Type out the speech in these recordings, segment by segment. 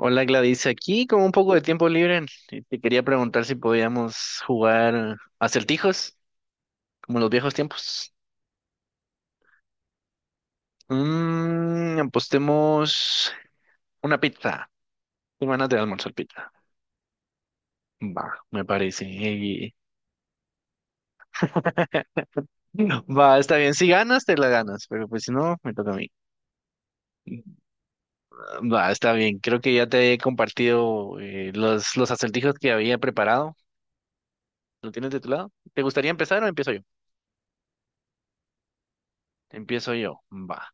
Hola Gladys, aquí con un poco de tiempo libre, y te quería preguntar si podíamos jugar acertijos, como en los viejos tiempos. Apostemos una pizza. Tengo ganas de almorzar pizza. Va, me parece. Y- Va, está bien. Si ganas, te la ganas, pero pues si no, me toca a mí. Va, está bien. Creo que ya te he compartido los acertijos que había preparado. ¿Lo tienes de tu lado? ¿Te gustaría empezar o empiezo yo? Empiezo yo. Va.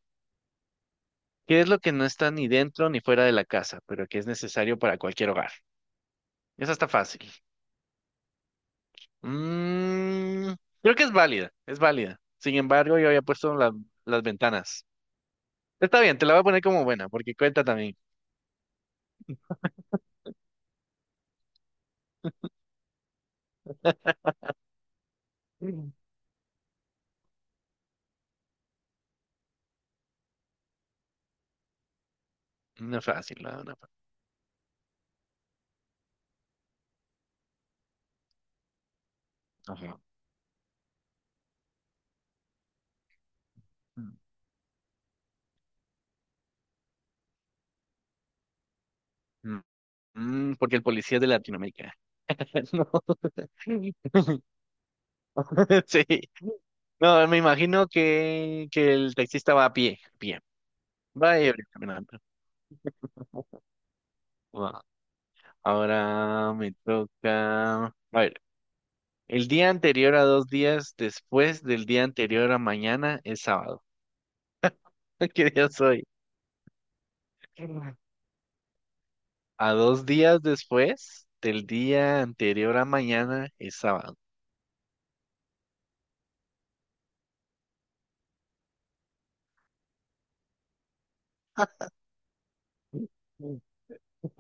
¿Qué es lo que no está ni dentro ni fuera de la casa, pero que es necesario para cualquier hogar? Esa está fácil. Mm, creo que es válida, es válida. Sin embargo, yo había puesto la- las ventanas. Está bien, te la voy a poner como buena, porque cuenta también. Mm. No es fácil, no, no, ajá. Mm, mm, porque el policía es de Latinoamérica. No. Sí. No, me imagino que el taxista va a pie, a pie. Va a ir caminando. Va. Ahora me toca. A ver. El día anterior a dos días después del día anterior a mañana es sábado. ¿Qué día soy? A dos días después del día anterior a mañana es sábado.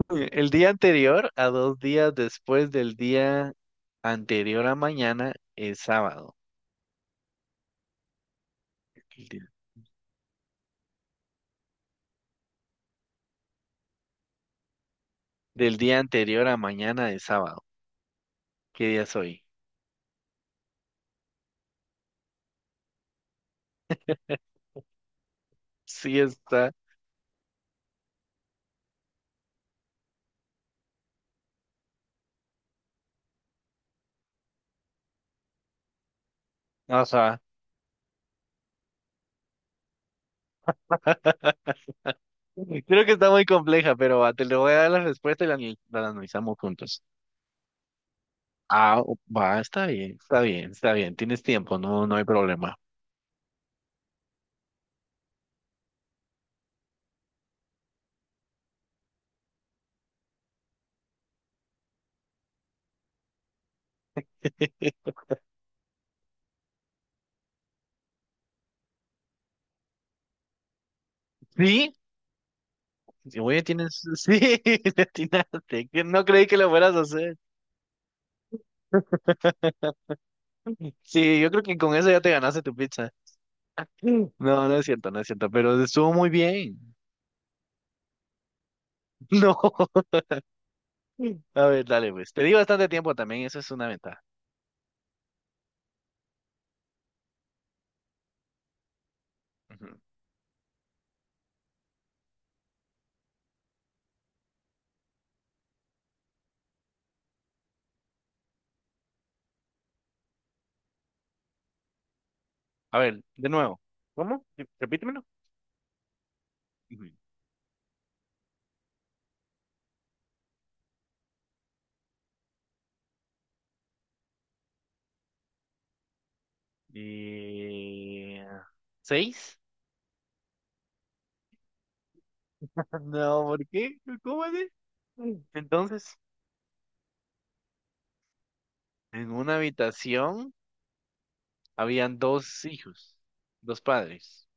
El día anterior a dos días después del día anterior a mañana es sábado. El día- Del día anterior a mañana es sábado. ¿Qué día soy? Sí está. No, o sea, creo que está muy compleja, pero va, te le voy a dar la respuesta y la analizamos juntos. Ah, o- va, está bien, está bien, está bien. Tienes tiempo, no, no hay problema. ¿Sí? Oye, tienes. Sí, le atinaste. Que No creí que lo fueras a hacer. Sí, yo creo que con eso ya te ganaste tu pizza. No, no es cierto, no es cierto, pero estuvo muy bien. No. A ver, dale, pues. Te di bastante tiempo también, eso es una ventaja. Ujú. A ver, de nuevo. ¿Cómo? Sí, repítemelo. Ujú. Y... ¿Seis? No, ¿por qué? ¿Cómo así? Entonces. En una habitación habían dos hijos, dos padres.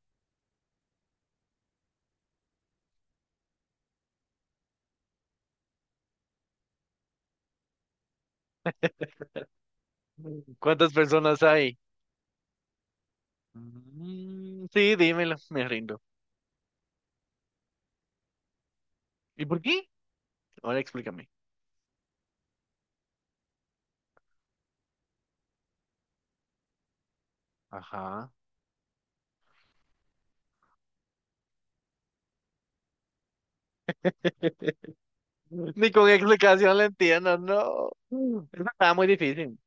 Mm. ¿Cuántas personas hay? Mm, sí, dímelo, me rindo. ¿Y por qué? Ahora explícame. Ajá. Ni con explicación le entiendo, no. Mm. Eso estaba muy difícil.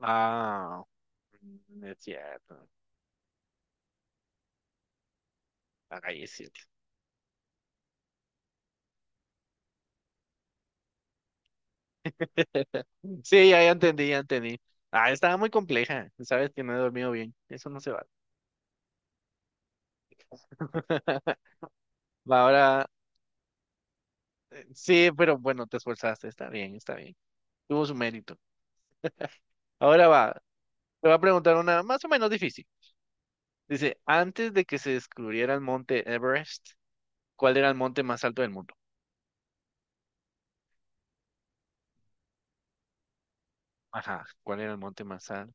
Ah, mm, es cierto. Ahí es cierto. Sí, ya, ya entendí, ya entendí. Ah, estaba muy compleja. Sabes que no he dormido bien. Eso no se va. Va, ahora, sí, pero bueno, te esforzaste. Está bien, está bien. Tuvo su mérito. Ahora va, te voy a preguntar una más o menos difícil. Dice, antes de que se descubriera el monte Everest, ¿cuál era el monte más alto del mundo? Ajá, ¿cuál era el monte más alto?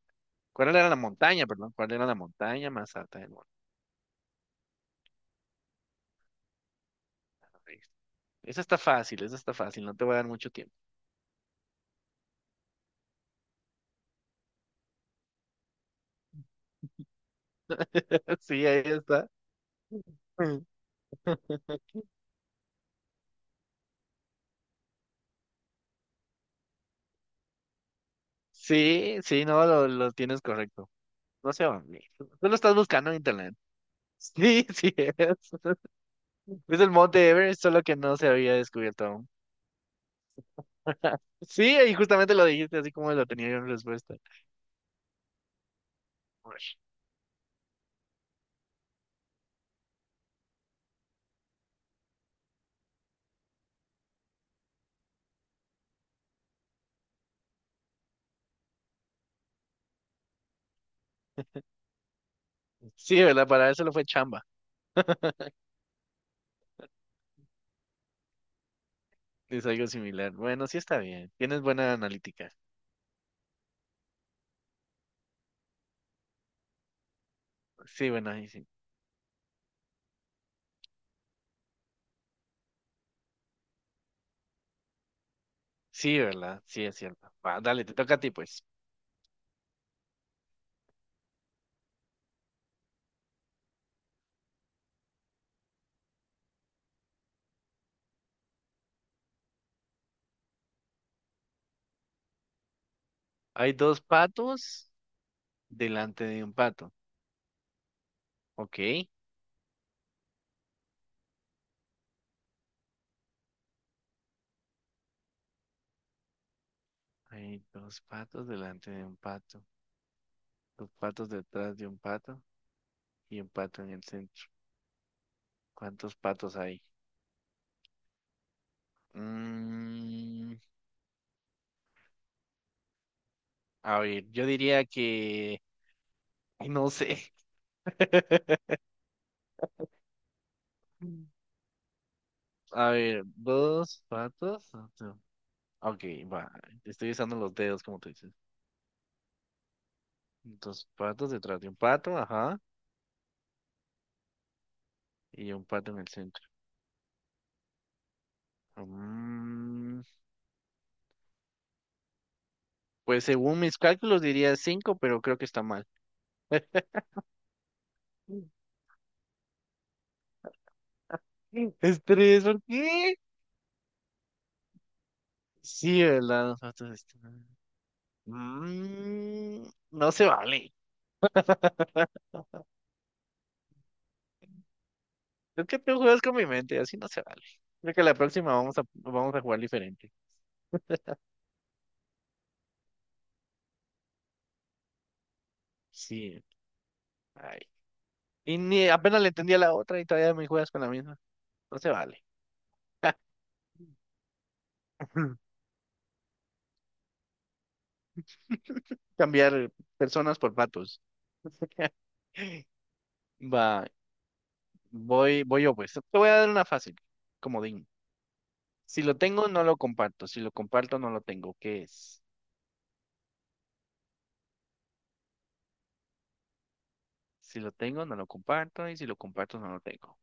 ¿Cuál era la montaña, perdón? ¿Cuál era la montaña más alta del mundo? Ahí está. Esa está fácil, no te voy a dar mucho tiempo. Sí, ahí está. Sí, sí, no, lo tienes correcto. No sé, hombre. Tú lo estás buscando en internet. Sí, sí es. Es el monte Everest, solo que no se había descubierto aún. Sí, y justamente lo dijiste así como lo tenía yo en respuesta. Uy, sí, ¿verdad? Para eso lo fue chamba. Es algo similar. Bueno, sí está bien. Tienes buena analítica. Sí, bueno, ahí sí. Sí, ¿verdad? Sí, es cierto. Va, dale, te toca a ti, pues. Hay dos patos delante de un pato. Ok. Hay dos patos delante de un pato. Dos patos detrás de un pato y un pato en el centro. ¿Cuántos patos hay? Mm, a ver, yo diría que... ay, no sé. A ver, dos patas. Otro- Ok, va. Estoy usando los dedos, como tú dices. Dos patas detrás de un pato, ajá. Y un pato en el centro. Mm, pues según mis cálculos diría cinco, pero creo que está mal. Es tres, ¿por qué? Sí, ¿verdad? Los patos están- Mm, no se vale. Es que tú juegas con mi mente, así no se vale. Creo que la próxima vamos a jugar diferente. Sí. Ay. Y ni apenas le entendía la otra y todavía me juegas con la misma. No se vale. Cambiar personas por patos. Va, voy yo pues. Te voy a dar una fácil, comodín. Si lo tengo, no lo comparto. Si lo comparto, no lo tengo. ¿Qué es? Si lo tengo, no lo comparto. Y si lo comparto, no lo tengo.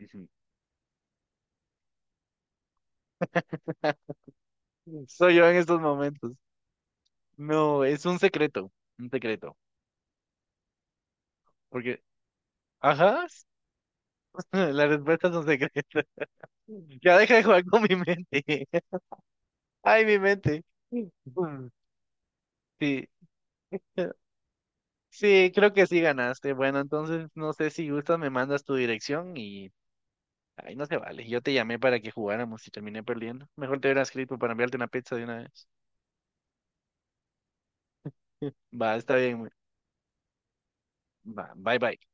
Ujú. Soy yo en estos momentos. No, es un secreto. Un secreto. Porque, ajá, las respuestas son secretas. Ya deja de jugar con mi mente. Ay, mi mente. Mm, Sí, eh, sí, creo que sí ganaste. Bueno, entonces no sé si gustas, me mandas tu dirección y ay, no se vale. Yo te llamé para que jugáramos y terminé perdiendo. Mejor te hubiera escrito para enviarte una pizza de una vez. Va, está bien, güey. Va, bye bye.